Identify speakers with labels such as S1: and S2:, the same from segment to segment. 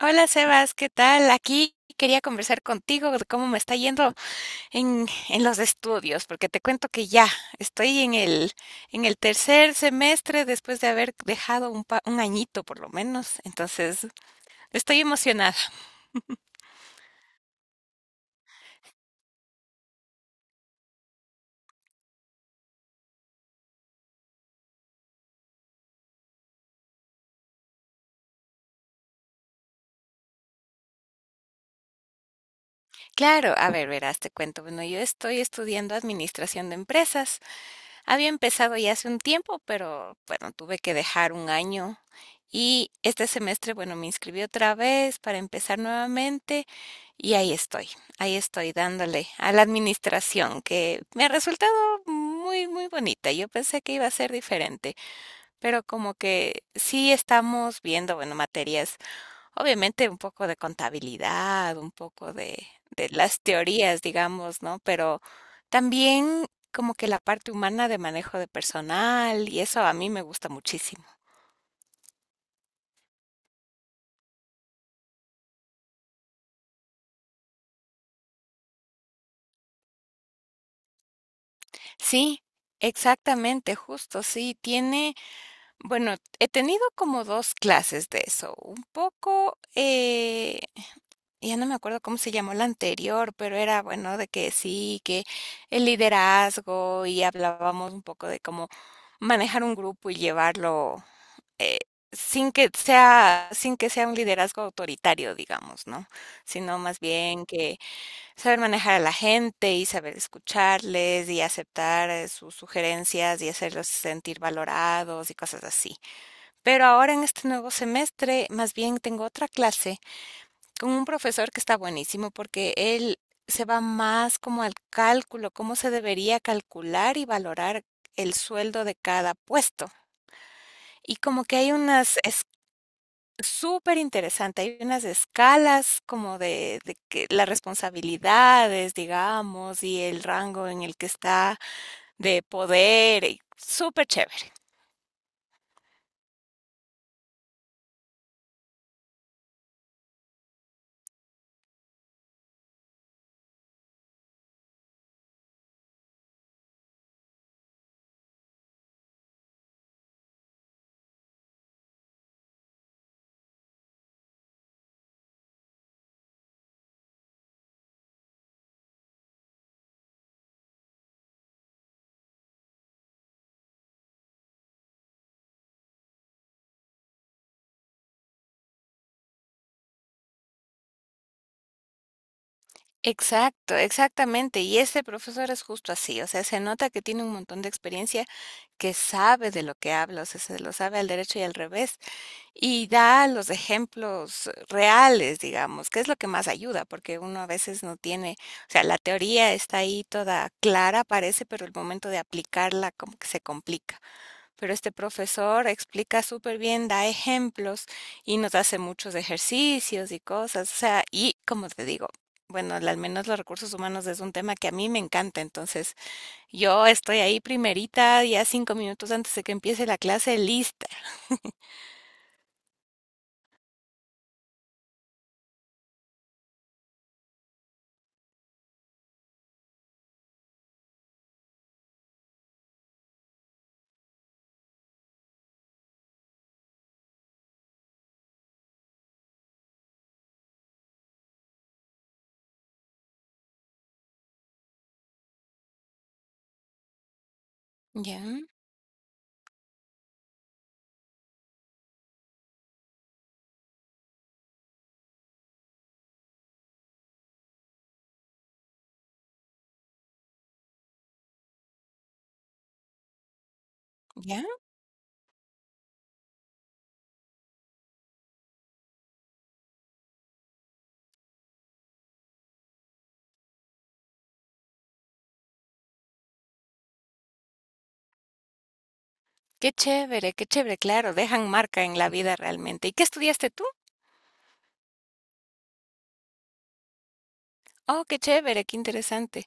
S1: Hola Sebas, ¿qué tal? Aquí quería conversar contigo de cómo me está yendo en los estudios, porque te cuento que ya estoy en el tercer semestre después de haber dejado un añito por lo menos, entonces estoy emocionada. Claro, a ver, verás, te cuento. Bueno, yo estoy estudiando administración de empresas. Había empezado ya hace un tiempo, pero bueno, tuve que dejar un año. Y este semestre, bueno, me inscribí otra vez para empezar nuevamente. Y ahí estoy dándole a la administración, que me ha resultado muy, muy bonita. Yo pensé que iba a ser diferente, pero como que sí estamos viendo, bueno, materias, obviamente un poco de contabilidad, un poco de las teorías, digamos, ¿no? Pero también como que la parte humana de manejo de personal, y eso a mí me gusta muchísimo. Sí, exactamente, justo, sí, tiene... Bueno, he tenido como 2 clases de eso. Un poco, ya no me acuerdo cómo se llamó la anterior, pero era, bueno, de que sí, que el liderazgo y hablábamos un poco de cómo manejar un grupo y llevarlo, eh, sin que sea un liderazgo autoritario, digamos, ¿no? Sino más bien que saber manejar a la gente y saber escucharles y aceptar, sus sugerencias y hacerlos sentir valorados y cosas así. Pero ahora en este nuevo semestre, más bien tengo otra clase con un profesor que está buenísimo porque él se va más como al cálculo, cómo se debería calcular y valorar el sueldo de cada puesto. Y como que hay unas, es súper interesante, hay unas escalas como de que las responsabilidades, digamos, y el rango en el que está de poder, y súper chévere. Exacto, exactamente. Y ese profesor es justo así, o sea, se nota que tiene un montón de experiencia, que sabe de lo que habla, o sea, se lo sabe al derecho y al revés, y da los ejemplos reales, digamos, que es lo que más ayuda, porque uno a veces no tiene, o sea, la teoría está ahí toda clara, parece, pero el momento de aplicarla como que se complica. Pero este profesor explica súper bien, da ejemplos y nos hace muchos ejercicios y cosas. O sea, y como te digo, bueno, al menos los recursos humanos es un tema que a mí me encanta. Entonces, yo estoy ahí primerita, ya 5 minutos antes de que empiece la clase, lista. Ya, ya. Qué chévere, qué chévere. Claro, dejan marca en la vida realmente. ¿Y qué estudiaste tú? Oh, qué chévere, qué interesante.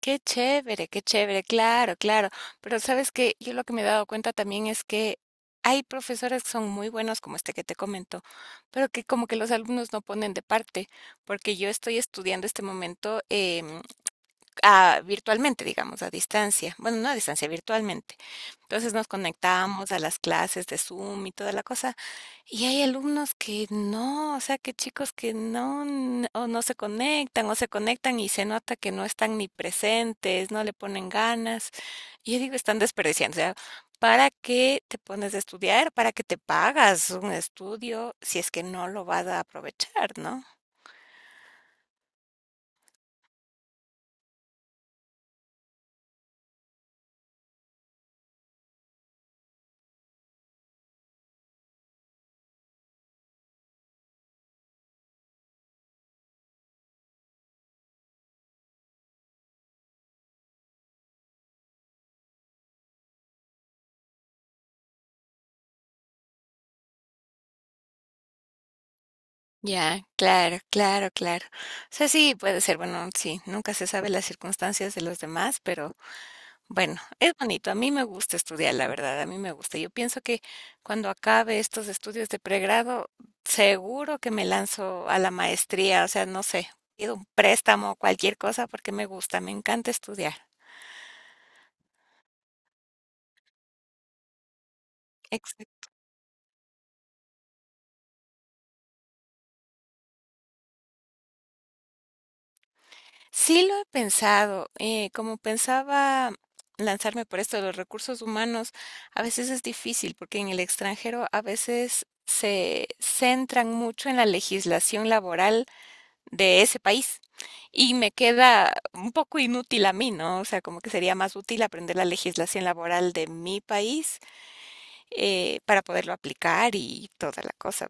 S1: Qué chévere, claro, claro. Pero sabes que yo lo que me he dado cuenta también es que hay profesores que son muy buenos, como este que te comento, pero que como que los alumnos no ponen de parte, porque yo estoy estudiando este momento virtualmente, digamos, a distancia. Bueno, no a distancia, virtualmente. Entonces nos conectamos a las clases de Zoom y toda la cosa. Y hay alumnos que no, o sea, que chicos que no, o no se conectan, o se conectan y se nota que no están ni presentes, no le ponen ganas. Y yo digo, están desperdiciando. O sea, ¿para qué te pones a estudiar? ¿Para qué te pagas un estudio si es que no lo vas a aprovechar, ¿no? Ya, claro, claro, claro. O sea, sí, puede ser, bueno, sí, nunca se sabe las circunstancias de los demás, pero bueno, es bonito. A mí me gusta estudiar, la verdad, a mí me gusta. Yo pienso que cuando acabe estos estudios de pregrado, seguro que me lanzo a la maestría, o sea, no sé, pido un préstamo o cualquier cosa porque me gusta, me encanta estudiar. Exacto. Sí lo he pensado, como pensaba lanzarme por esto de los recursos humanos, a veces es difícil porque en el extranjero a veces se centran mucho en la legislación laboral de ese país. Y me queda un poco inútil a mí, ¿no? O sea, como que sería más útil aprender la legislación laboral de mi país para poderlo aplicar y toda la cosa.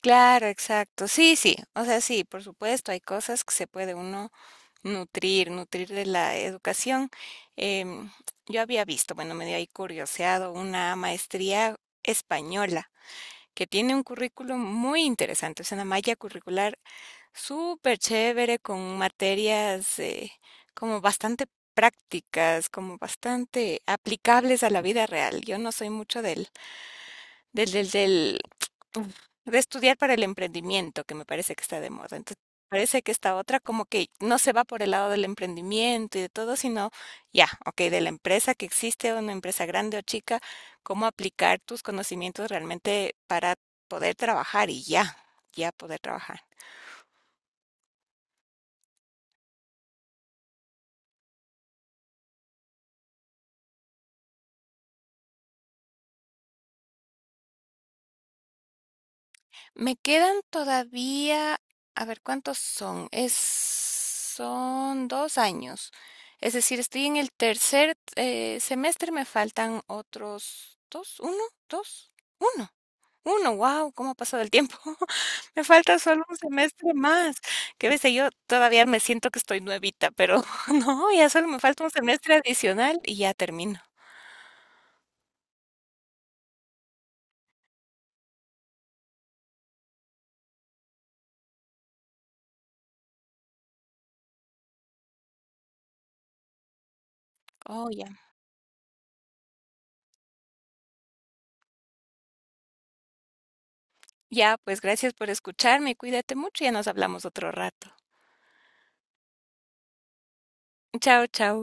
S1: Claro, exacto. Sí, sí. O sea, sí, por supuesto, hay cosas que se puede uno nutrir, nutrir de la educación. Em, yo había visto, bueno, me dio ahí curioseado una maestría española que tiene un currículum muy interesante, es una malla curricular súper chévere, con materias como bastante prácticas, como bastante aplicables a la vida real. Yo no soy mucho del, uf, de estudiar para el emprendimiento, que me parece que está de moda. Entonces, parece que esta otra como que no se va por el lado del emprendimiento y de todo, sino ya, ok, de la empresa que existe, una empresa grande o chica, cómo aplicar tus conocimientos realmente para poder trabajar y ya, ya poder trabajar. Me quedan todavía, a ver, ¿cuántos son? Es, son 2 años. Es decir, estoy en el tercer semestre, me faltan otros dos, uno, dos, uno, uno, wow, ¿cómo ha pasado el tiempo? Me falta solo un semestre más. Qué bestia, yo todavía me siento que estoy nuevita, pero no, ya solo me falta un semestre adicional y ya termino. Oh, ya. Ya, pues gracias por escucharme, cuídate mucho, ya nos hablamos otro rato. Chao, chao.